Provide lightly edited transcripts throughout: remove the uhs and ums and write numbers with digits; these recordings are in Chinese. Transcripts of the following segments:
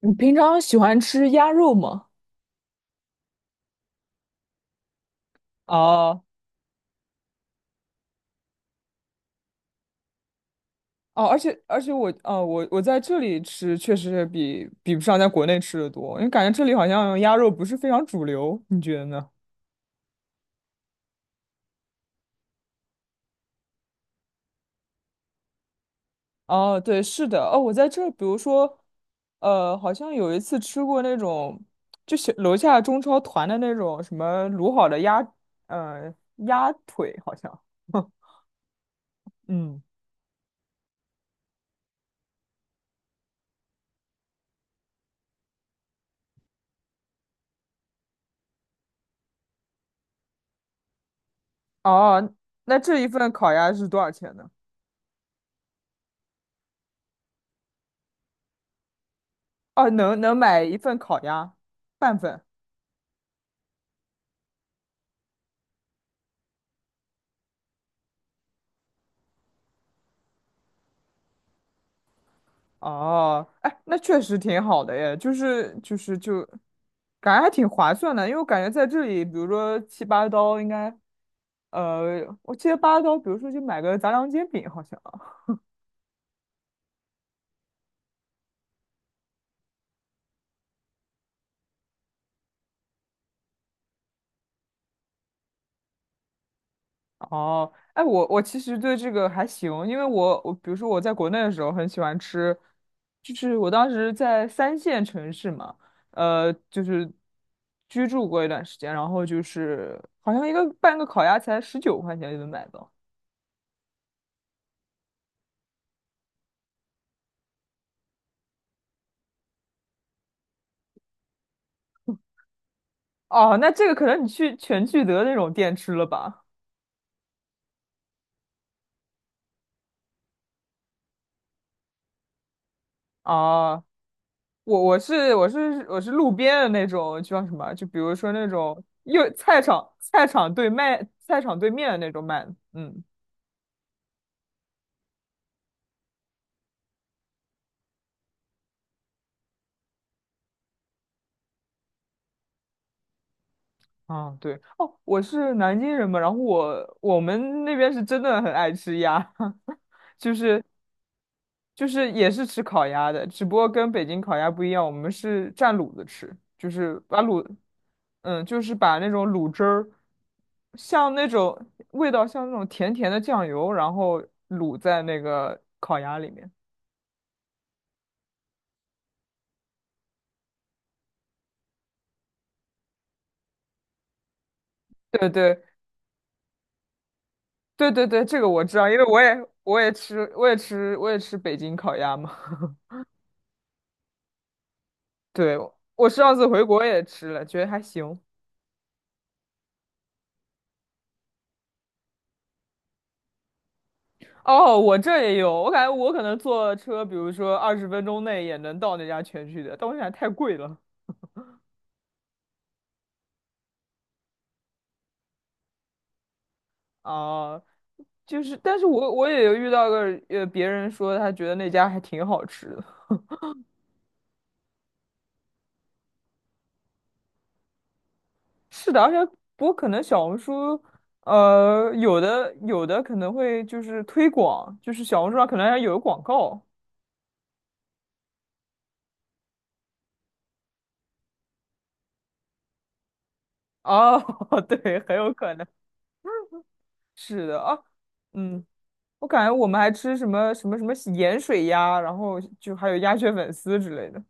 你平常喜欢吃鸭肉吗？哦哦，而且我哦，我我在这里吃确实是比不上在国内吃的多，因为感觉这里好像鸭肉不是非常主流，你觉得呢？哦，对，是的，哦，我在这儿，比如说，好像有一次吃过那种，就是楼下中超团的那种什么卤好的鸭，呃，鸭腿好像，嗯，哦，那这一份烤鸭是多少钱呢？哦，能买一份烤鸭，半份。哦，哎，那确实挺好的耶，就是就是就，感觉还挺划算的，因为我感觉在这里，比如说7、8刀应该，我记得八刀，比如说就买个杂粮煎饼好像。哦，哎，我其实对这个还行，因为我比如说我在国内的时候很喜欢吃，就是我当时在三线城市嘛，就是居住过一段时间，然后就是好像一个半个烤鸭才19块钱就能买到。哦，那这个可能你去全聚德那种店吃了吧？啊，我是路边的那种叫什么？就比如说那种又菜场对面的那种卖的嗯，啊对，哦，我是南京人嘛，然后我们那边是真的很爱吃鸭。就是就是也是吃烤鸭的，只不过跟北京烤鸭不一样，我们是蘸卤子吃，就是把卤，嗯，就是把那种卤汁儿，像那种味道像那种甜甜的酱油，然后卤在那个烤鸭里面。对对对对对，这个我知道，因为我也吃北京烤鸭嘛。对，我上次回国也吃了，觉得还行。哦，我这也有，我感觉我可能坐车，比如说20分钟内也能到那家全聚德，但我想太贵了啊。就是，但是我也有遇到个别人说他觉得那家还挺好吃的。是的，而且不过可能小红书，有的可能会就是推广，就是小红书上可能还有广告哦，对，很有可能是的啊，嗯，我感觉我们还吃什么什么什么盐水鸭，然后就还有鸭血粉丝之类的。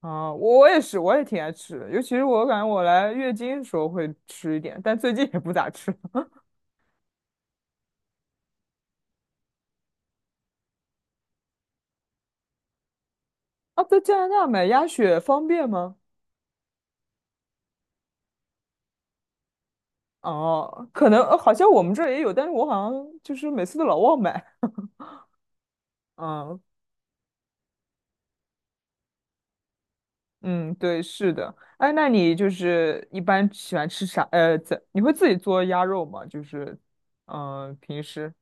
啊，我也是，我也挺爱吃的，尤其是我感觉我来月经的时候会吃一点，但最近也不咋吃了。啊，在加拿大买鸭血方便吗？哦，可能，好像我们这儿也有，但是我好像就是每次都老忘买。嗯嗯，对，是的。哎，那你就是一般喜欢吃啥？在你会自己做鸭肉吗？就是，嗯、平时。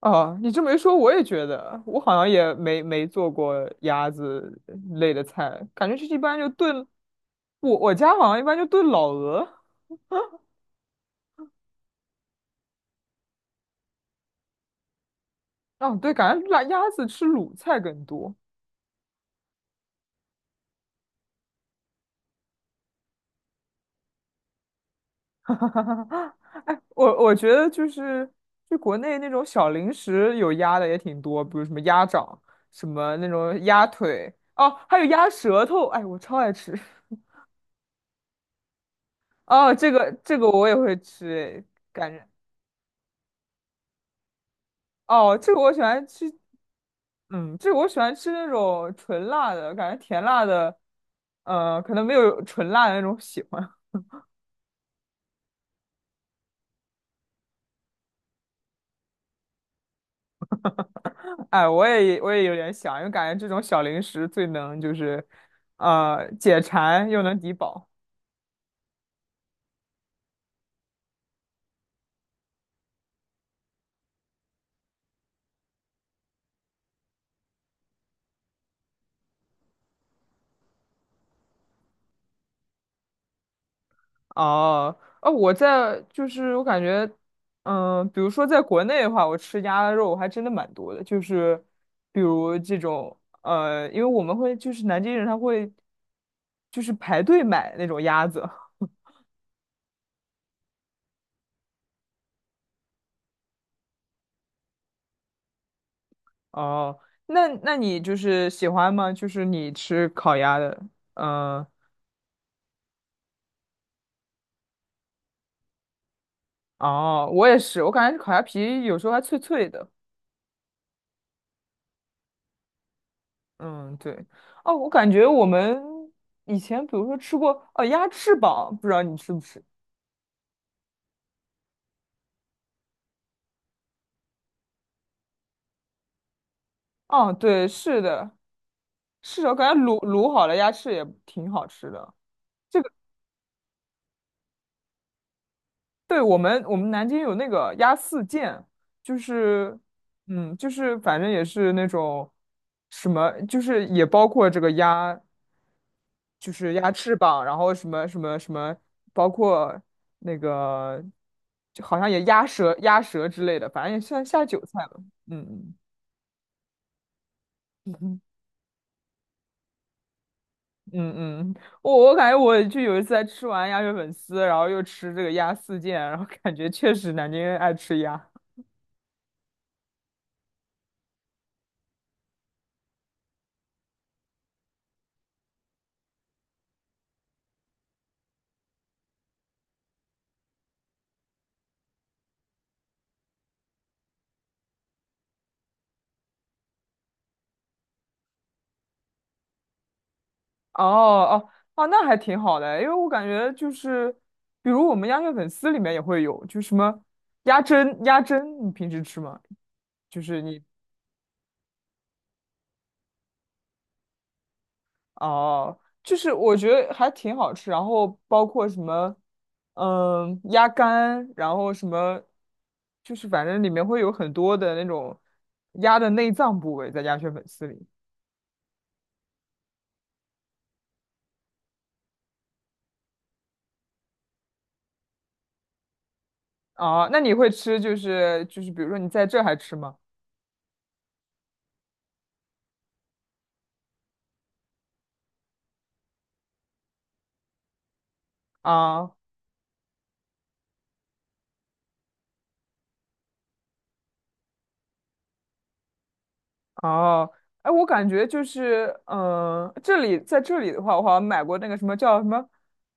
哦，你这么一说，我也觉得，我好像也没做过鸭子类的菜，感觉是一般就炖，我家好像一般就炖老鹅，哦，对，感觉辣鸭子吃卤菜更多。哎，我觉得就是就国内那种小零食有鸭的也挺多，比如什么鸭掌，什么那种鸭腿，哦，还有鸭舌头，哎，我超爱吃。哦，这个这个我也会吃，感觉哦，这个我喜欢吃，嗯，这个我喜欢吃那种纯辣的，感觉甜辣的，可能没有纯辣的那种喜欢。哎，我也有点想，因为感觉这种小零食最能就是，解馋又能抵饱。哦，哦，就是我感觉，嗯、比如说在国内的话，我吃鸭肉还真的蛮多的，就是比如这种，因为我们会就是南京人他会就是排队买那种鸭子。哦，那你就是喜欢吗？就是你吃烤鸭的，嗯、哦，我也是，我感觉烤鸭皮有时候还脆脆的。嗯，对。哦，我感觉我们以前比如说吃过哦鸭翅膀，不知道你吃不吃？哦，对，是的，是的，我感觉卤好了鸭翅也挺好吃的。这个对我们南京有那个鸭四件，就是就是反正也是那种什么，就是也包括这个鸭就是鸭翅膀，然后什么什么什么，包括那个，就好像也鸭舌之类的，反正也算下酒菜了。嗯嗯嗯嗯，嗯，我感觉我就有一次在吃完鸭血粉丝，然后又吃这个鸭四件，然后感觉确实南京人爱吃鸭。哦哦哦，那还挺好的，因为我感觉就是，比如我们鸭血粉丝里面也会有，就什么鸭胗，鸭胗你平时吃吗？就是你。哦，就是我觉得还挺好吃，然后包括什么，嗯，鸭肝，然后什么，就是反正里面会有很多的那种鸭的内脏部位在鸭血粉丝里。哦，那你会吃就是比如说你在这还吃吗？啊、哦，哎，我感觉就是，嗯、在这里的话，我好像买过那个什么叫什么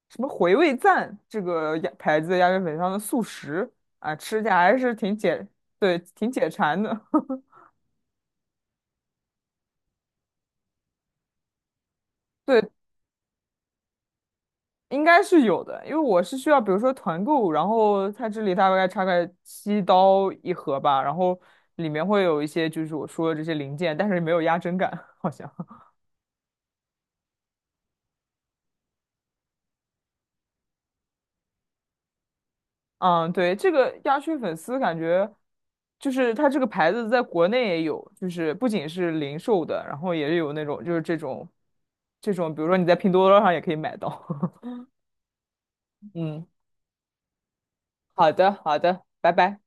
什么回味赞这个鸭牌子的鸭血粉汤的速食啊，吃起来还是挺解，对，挺解馋的。对，应该是有的，因为我是需要，比如说团购，然后它这里大概差个7刀一盒吧，然后里面会有一些就是我说的这些零件，但是没有压针感，好像。嗯，对，这个鸭血粉丝感觉就是它这个牌子在国内也有，就是不仅是零售的，然后也有那种就是这种，比如说你在拼多多上也可以买到。嗯，好的，好的，拜拜。